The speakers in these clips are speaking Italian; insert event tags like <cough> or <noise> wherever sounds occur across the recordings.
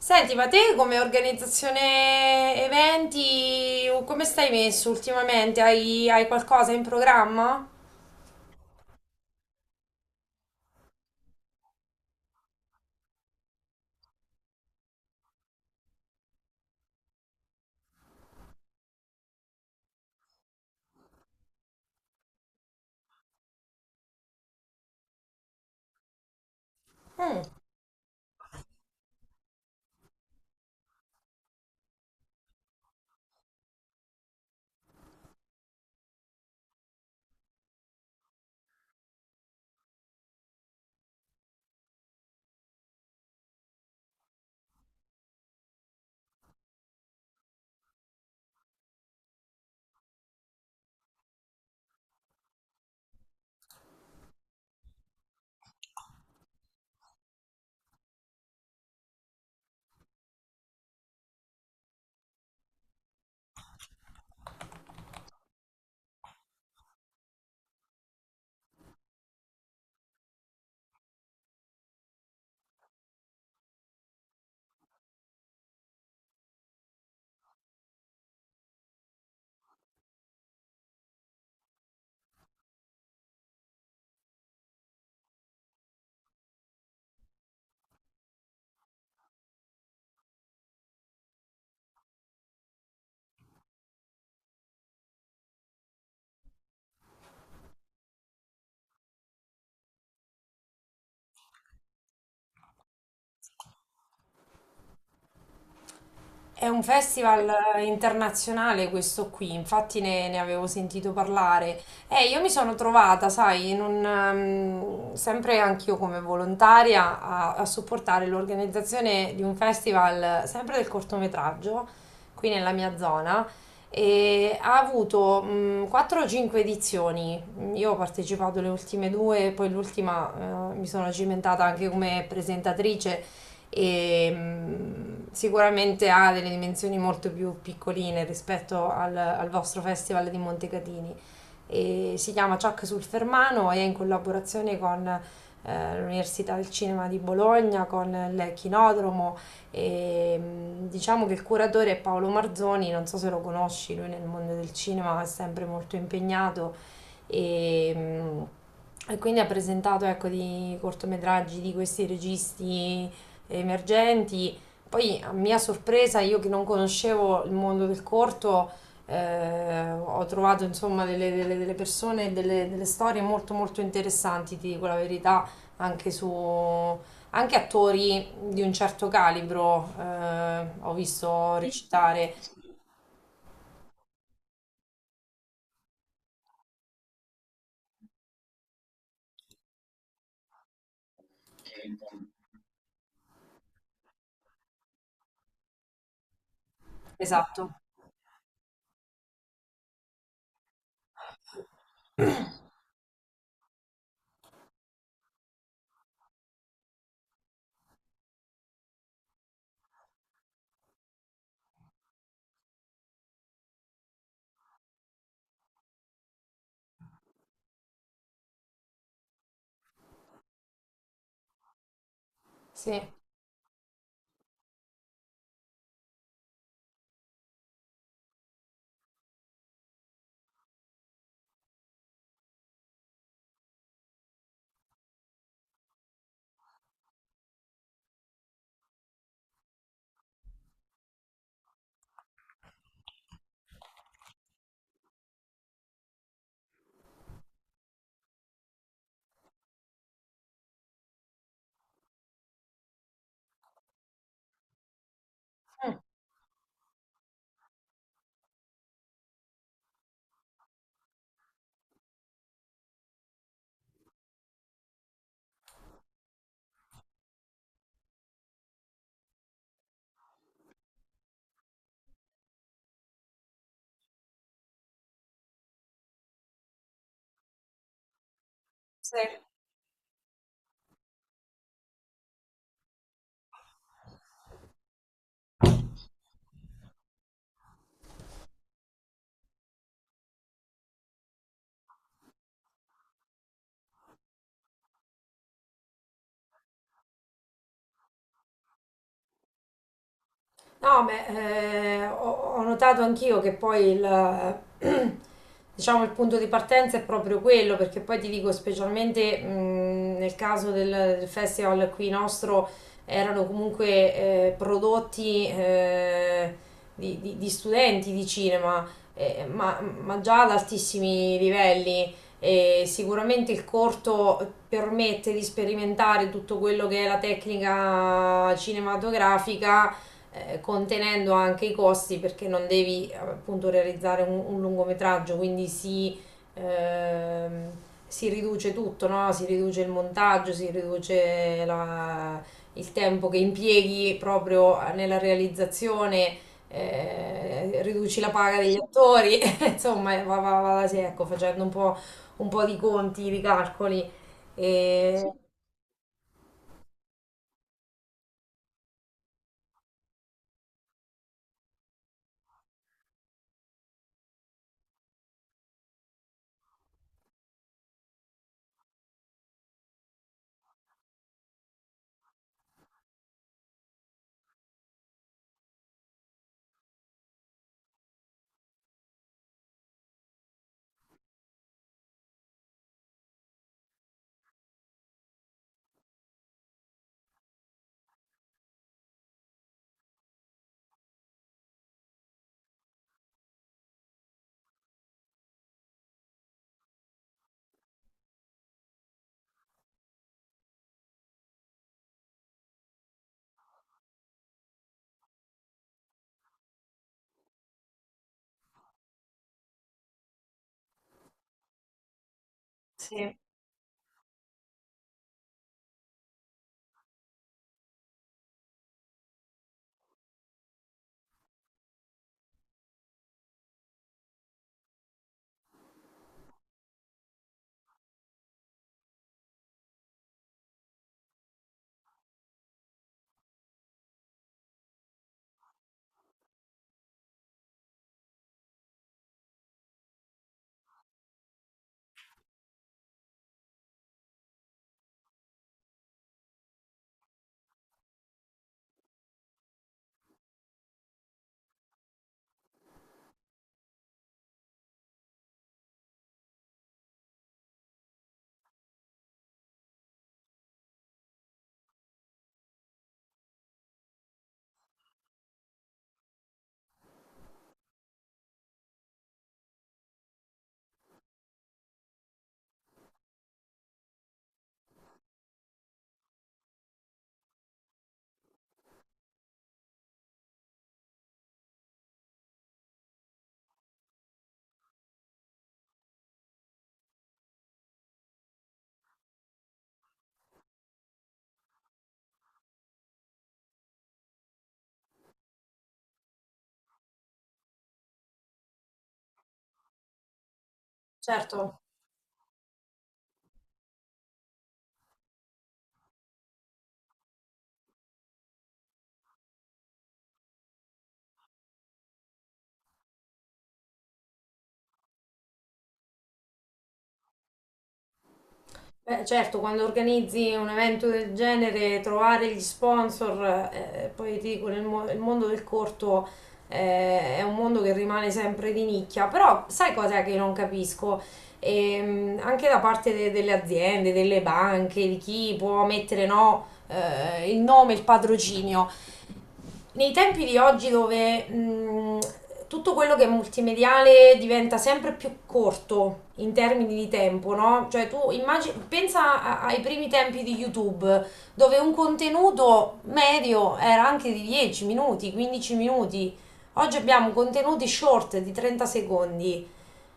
Senti, ma te come organizzazione eventi, come stai messo ultimamente? Hai qualcosa in programma? Mm. È un festival internazionale questo qui, infatti ne avevo sentito parlare. E io mi sono trovata, sai, sempre anch'io come volontaria a supportare l'organizzazione di un festival sempre del cortometraggio, qui nella mia zona, e ha avuto 4 o 5 edizioni. Io ho partecipato alle ultime due, poi l'ultima mi sono cimentata anche come presentatrice e sicuramente ha delle dimensioni molto più piccoline rispetto al vostro festival di Montecatini. E si chiama Ciak sul Fermano e è in collaborazione con l'Università del Cinema di Bologna, con il Chinodromo e diciamo che il curatore è Paolo Marzoni, non so se lo conosci, lui nel mondo del cinema è sempre molto impegnato e, mm, e quindi ha presentato ecco, di cortometraggi di questi registi emergenti. Poi, a mia sorpresa, io che non conoscevo il mondo del corto, ho trovato insomma delle persone, delle storie molto molto interessanti, ti dico la verità, anche su anche attori di un certo calibro, ho visto recitare. Esatto. Sì. Mm, sì. No, ma ho notato anch'io che poi <clears throat> diciamo, il punto di partenza è proprio quello, perché poi ti dico, specialmente nel caso del festival qui nostro, erano comunque prodotti di studenti di cinema, ma già ad altissimi livelli. E sicuramente il corto permette di sperimentare tutto quello che è la tecnica cinematografica contenendo anche i costi perché non devi appunto realizzare un lungometraggio, quindi ehm, si riduce tutto, no? Si riduce il montaggio, si riduce il tempo che impieghi proprio nella realizzazione, riduci la paga degli attori, <laughs> insomma va da sé, ecco, facendo un po' di conti, di calcoli. E... Sì, certo. Beh, certo, quando organizzi un evento del genere, trovare gli sponsor, poi ti dico, il mondo del corto è un mondo che rimane sempre di nicchia, però sai cos'è che non capisco? Anche da parte delle aziende, delle banche, di chi può mettere no, il nome, il patrocinio nei tempi di oggi dove tutto quello che è multimediale diventa sempre più corto in termini di tempo, no? Cioè tu immagini, pensa ai primi tempi di YouTube, dove un contenuto medio era anche di 10 minuti, 15 minuti. Oggi abbiamo contenuti short di 30 secondi.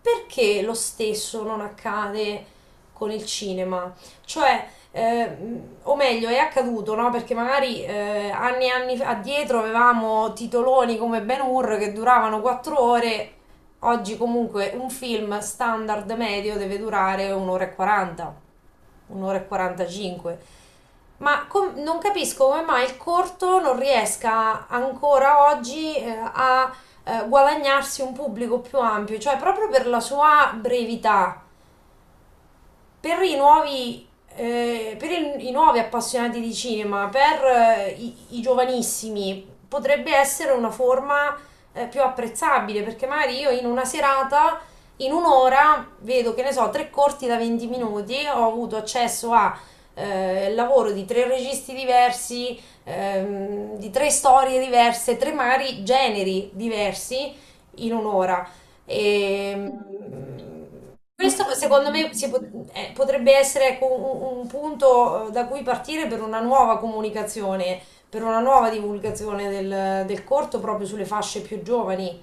Perché lo stesso non accade con il cinema? Cioè, eh, o meglio è accaduto, no? Perché magari anni e anni addietro avevamo titoloni come Ben Hur che duravano 4 ore, oggi comunque un film standard medio deve durare un'ora e 40, un'ora e 45. Ma non capisco come mai il corto non riesca ancora oggi a guadagnarsi un pubblico più ampio, cioè proprio per la sua brevità, per i nuovi, per i nuovi appassionati di cinema, per i giovanissimi, potrebbe essere una forma più apprezzabile, perché magari io in una serata, in un'ora, vedo che ne so, tre corti da 20 minuti, ho avuto accesso a il lavoro di tre registi diversi, di tre storie diverse, tre magari generi diversi in un'ora. E, questo secondo me potrebbe essere ecco, un punto da cui partire per una nuova comunicazione, per una nuova divulgazione del corto proprio sulle fasce più giovani,